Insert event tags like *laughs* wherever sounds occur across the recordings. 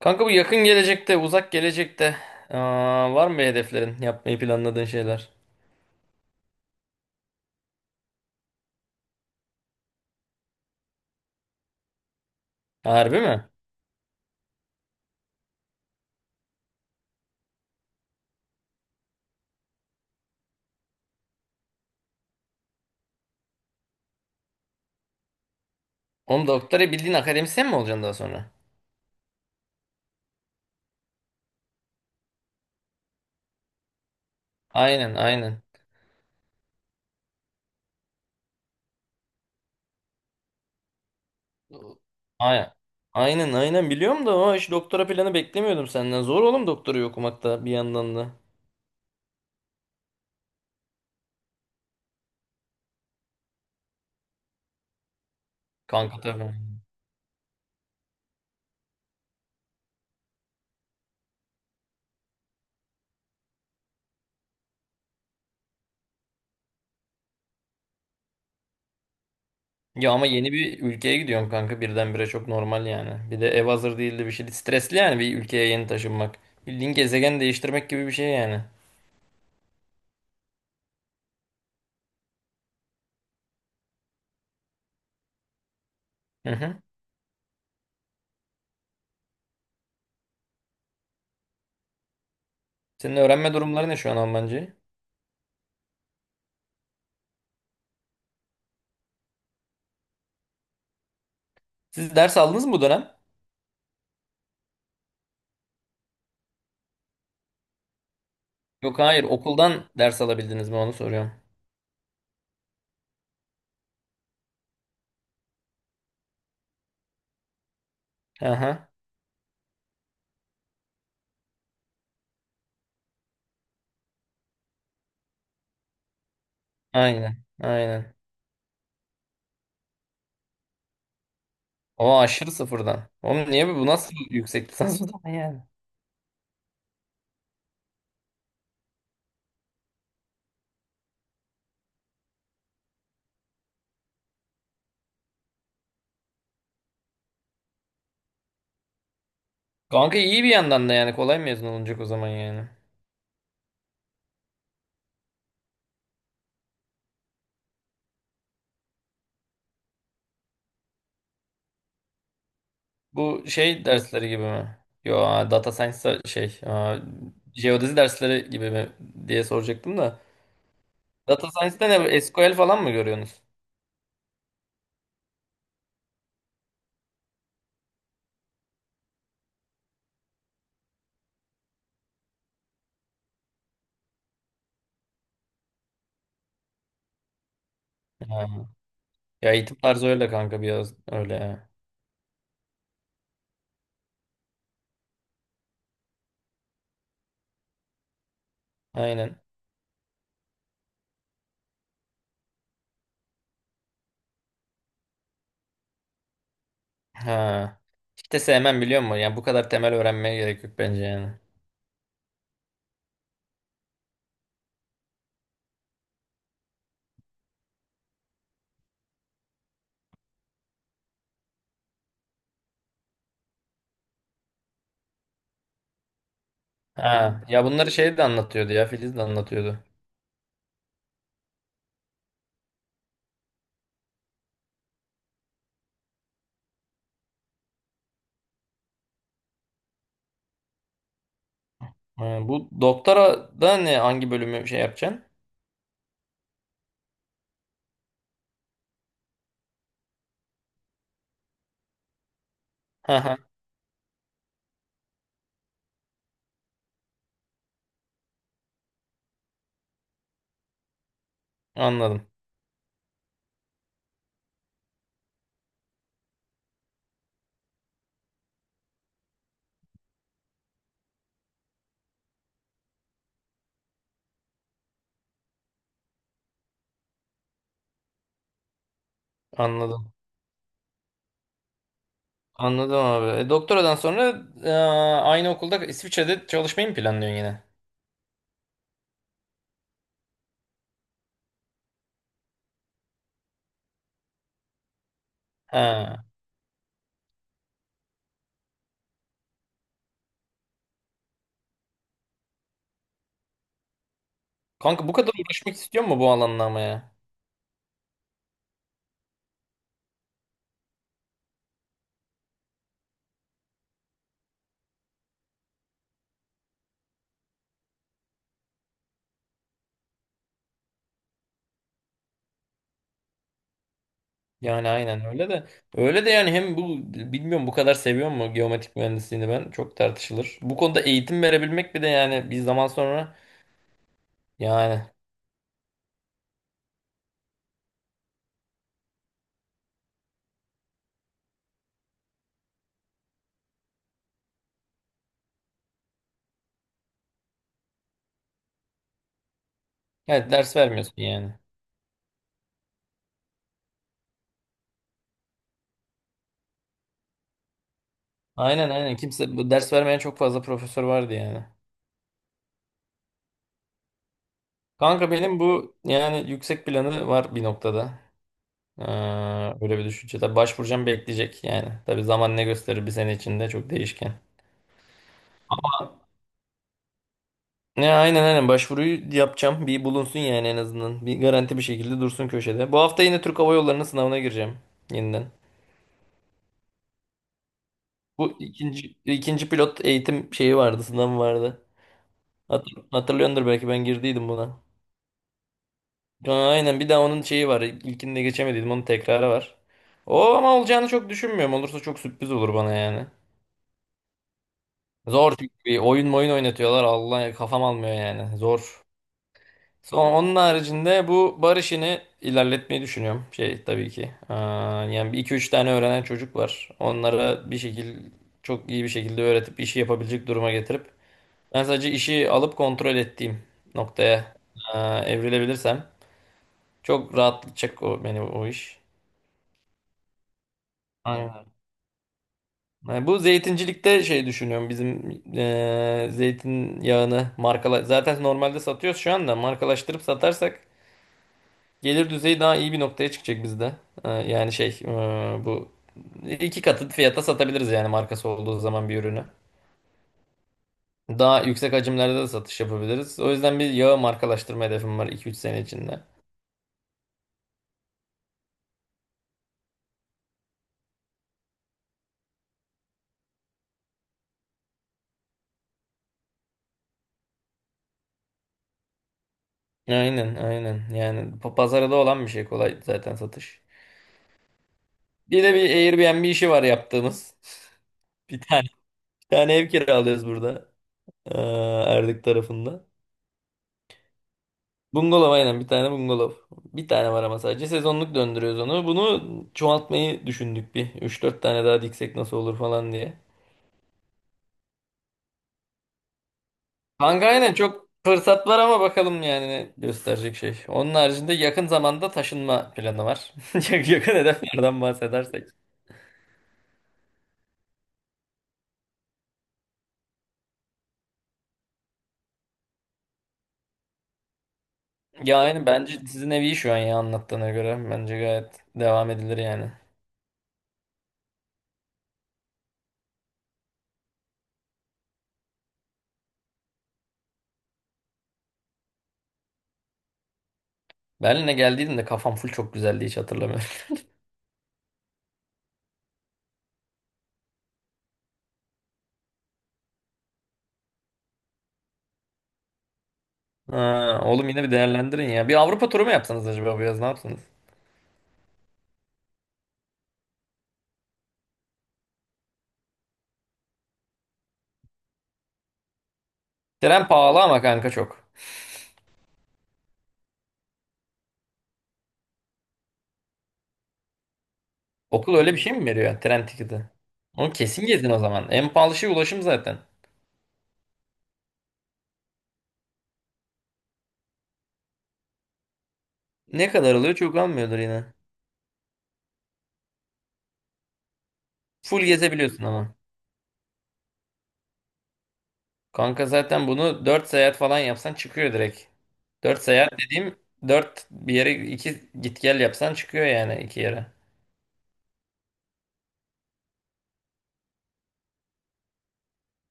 Kanka bu yakın gelecekte, uzak gelecekte var mı bir hedeflerin, yapmayı planladığın şeyler? Harbi mi? Oğlum doktora bildiğin akademisyen mi olacaksın daha sonra? Aynen, aynen. Aynen. Aynen, aynen biliyorum da o hiç doktora planı beklemiyordum senden. Zor oğlum doktorayı okumak da bir yandan da. Kanka tabii. Ya ama yeni bir ülkeye gidiyorum kanka birdenbire çok normal yani. Bir de ev hazır değildi bir şey. Stresli yani bir ülkeye yeni taşınmak. Bildiğin gezegen değiştirmek gibi bir şey yani. Hı hı. Senin öğrenme durumları ne şu an Almancayı? Siz ders aldınız mı bu dönem? Yok, hayır, okuldan ders alabildiniz mi onu soruyorum. Aha, aynen aynen. O aşırı sıfırdan. Oğlum niye bu nasıl yüksek lisans bu da yani? Kanka iyi bir yandan da yani kolay mezun olunacak o zaman yani. Bu şey dersleri gibi mi? Yo, data science şey jeodezi dersleri gibi mi diye soracaktım da. Data science'da ne SQL falan mı görüyorsunuz? Ha. Ya eğitim tarzı öyle kanka biraz öyle ya. Aynen. Ha. İşte sevmem, biliyor musun? Yani bu kadar temel öğrenmeye gerek yok bence yani. Ha, yani ya bunları şey de anlatıyordu, ya Filiz de anlatıyordu. Ha, bu doktora da ne hangi bölümü şey yapacaksın? Ha ha, anladım. Anladım. Anladım abi. Doktoradan sonra aynı okulda İsviçre'de çalışmayı mı planlıyorsun yine? Ha. Kanka bu kadar uğraşmak istiyor mu bu alanla ama ya? Yani aynen öyle de. Öyle de yani hem bu bilmiyorum bu kadar seviyor mu geometrik mühendisliğini, ben çok tartışılır. Bu konuda eğitim verebilmek bir de yani bir zaman sonra. Yani. Evet, ders vermiyorsun yani. Aynen aynen. Kimse bu ders vermeyen çok fazla profesör vardı yani. Kanka benim bu yani yüksek planı var bir noktada. Ee, Böyle bir düşünce. Tabii başvuracağım, bekleyecek yani. Tabii zaman ne gösterir, bir sene içinde çok değişken. Ne, aynen aynen, başvuruyu yapacağım. Bir bulunsun yani, en azından. Bir garanti bir şekilde dursun köşede. Bu hafta yine Türk Hava Yolları'nın sınavına gireceğim yeniden. Bu ikinci pilot eğitim şeyi vardı, sınavı vardı. Hat- Hatırlıyordur belki, ben girdiydim buna. Ha, aynen bir daha onun şeyi var. İlkinde geçemediydim, onun tekrarı var. O ama olacağını çok düşünmüyorum. Olursa çok sürpriz olur bana yani. Zor çünkü bir oyun oynatıyorlar. Allah kafam almıyor yani. Zor. Son, onun haricinde bu bar işini ilerletmeyi düşünüyorum. Şey tabii ki. Yani bir iki üç tane öğrenen çocuk var. Onlara bir şekilde çok iyi bir şekilde öğretip işi yapabilecek duruma getirip ben sadece işi alıp kontrol ettiğim noktaya evrilebilirsem çok rahatlatacak o, beni o iş. Yani bu zeytincilikte şey düşünüyorum, bizim zeytin yağını markala, zaten normalde satıyoruz şu anda, markalaştırıp satarsak gelir düzeyi daha iyi bir noktaya çıkacak bizde. Yani şey, bu iki katı fiyata satabiliriz yani, markası olduğu zaman bir ürünü. Daha yüksek hacimlerde de satış yapabiliriz. O yüzden bir yağı markalaştırma hedefim var iki üç sene içinde. Aynen aynen yani, pazarda olan bir şey kolay zaten satış. Bir de bir Airbnb işi var yaptığımız. *laughs* Bir tane, bir tane ev kiralıyoruz burada. Ee, Erdik tarafında. Bungalov aynen, bir tane bungalov. Bir tane var ama sadece sezonluk döndürüyoruz onu. Bunu çoğaltmayı düşündük bir, üç dört tane daha diksek nasıl olur falan diye. Kanka aynen çok fırsat var ama bakalım yani ne gösterecek şey. Onun haricinde yakın zamanda taşınma planı var. *laughs* Yakın hedeflerden bahsedersek. Ya aynen, bence sizin evi iyi şu an, ya anlattığına göre. Bence gayet devam edilir yani. Berlin'e geldiğimde kafam full, çok güzeldi, hiç hatırlamıyorum. Ha, oğlum, yine bir değerlendirin ya. Bir Avrupa turu mu yapsanız acaba bu yaz, ne yapsanız? Tren pahalı ama kanka, çok. Okul öyle bir şey mi veriyor yani, tren tiketi? Onu kesin gezin o zaman. En pahalı şey ulaşım zaten. Ne kadar alıyor, çok almıyordur yine. Full gezebiliyorsun ama. Kanka zaten bunu 4 seyahat falan yapsan çıkıyor direkt. 4 seyahat dediğim, 4 bir yere, 2 git gel yapsan çıkıyor yani, iki yere.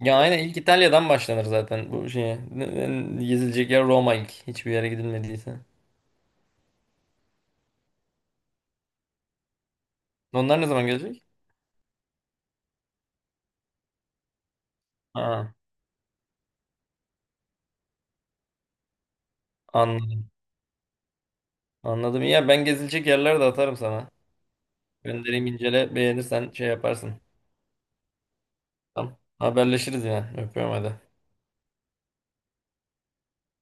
Ya aynen, ilk İtalya'dan başlanır zaten bu şeye. Gezilecek yer Roma, ilk. Hiçbir yere gidilmediyse. Onlar ne zaman gelecek? Ha. Anladım. Anladım. İyi, ya ben gezilecek yerler de atarım sana. Göndereyim, incele. Beğenirsen şey yaparsın. Tamam. Haberleşiriz yine. Öpüyorum, hadi.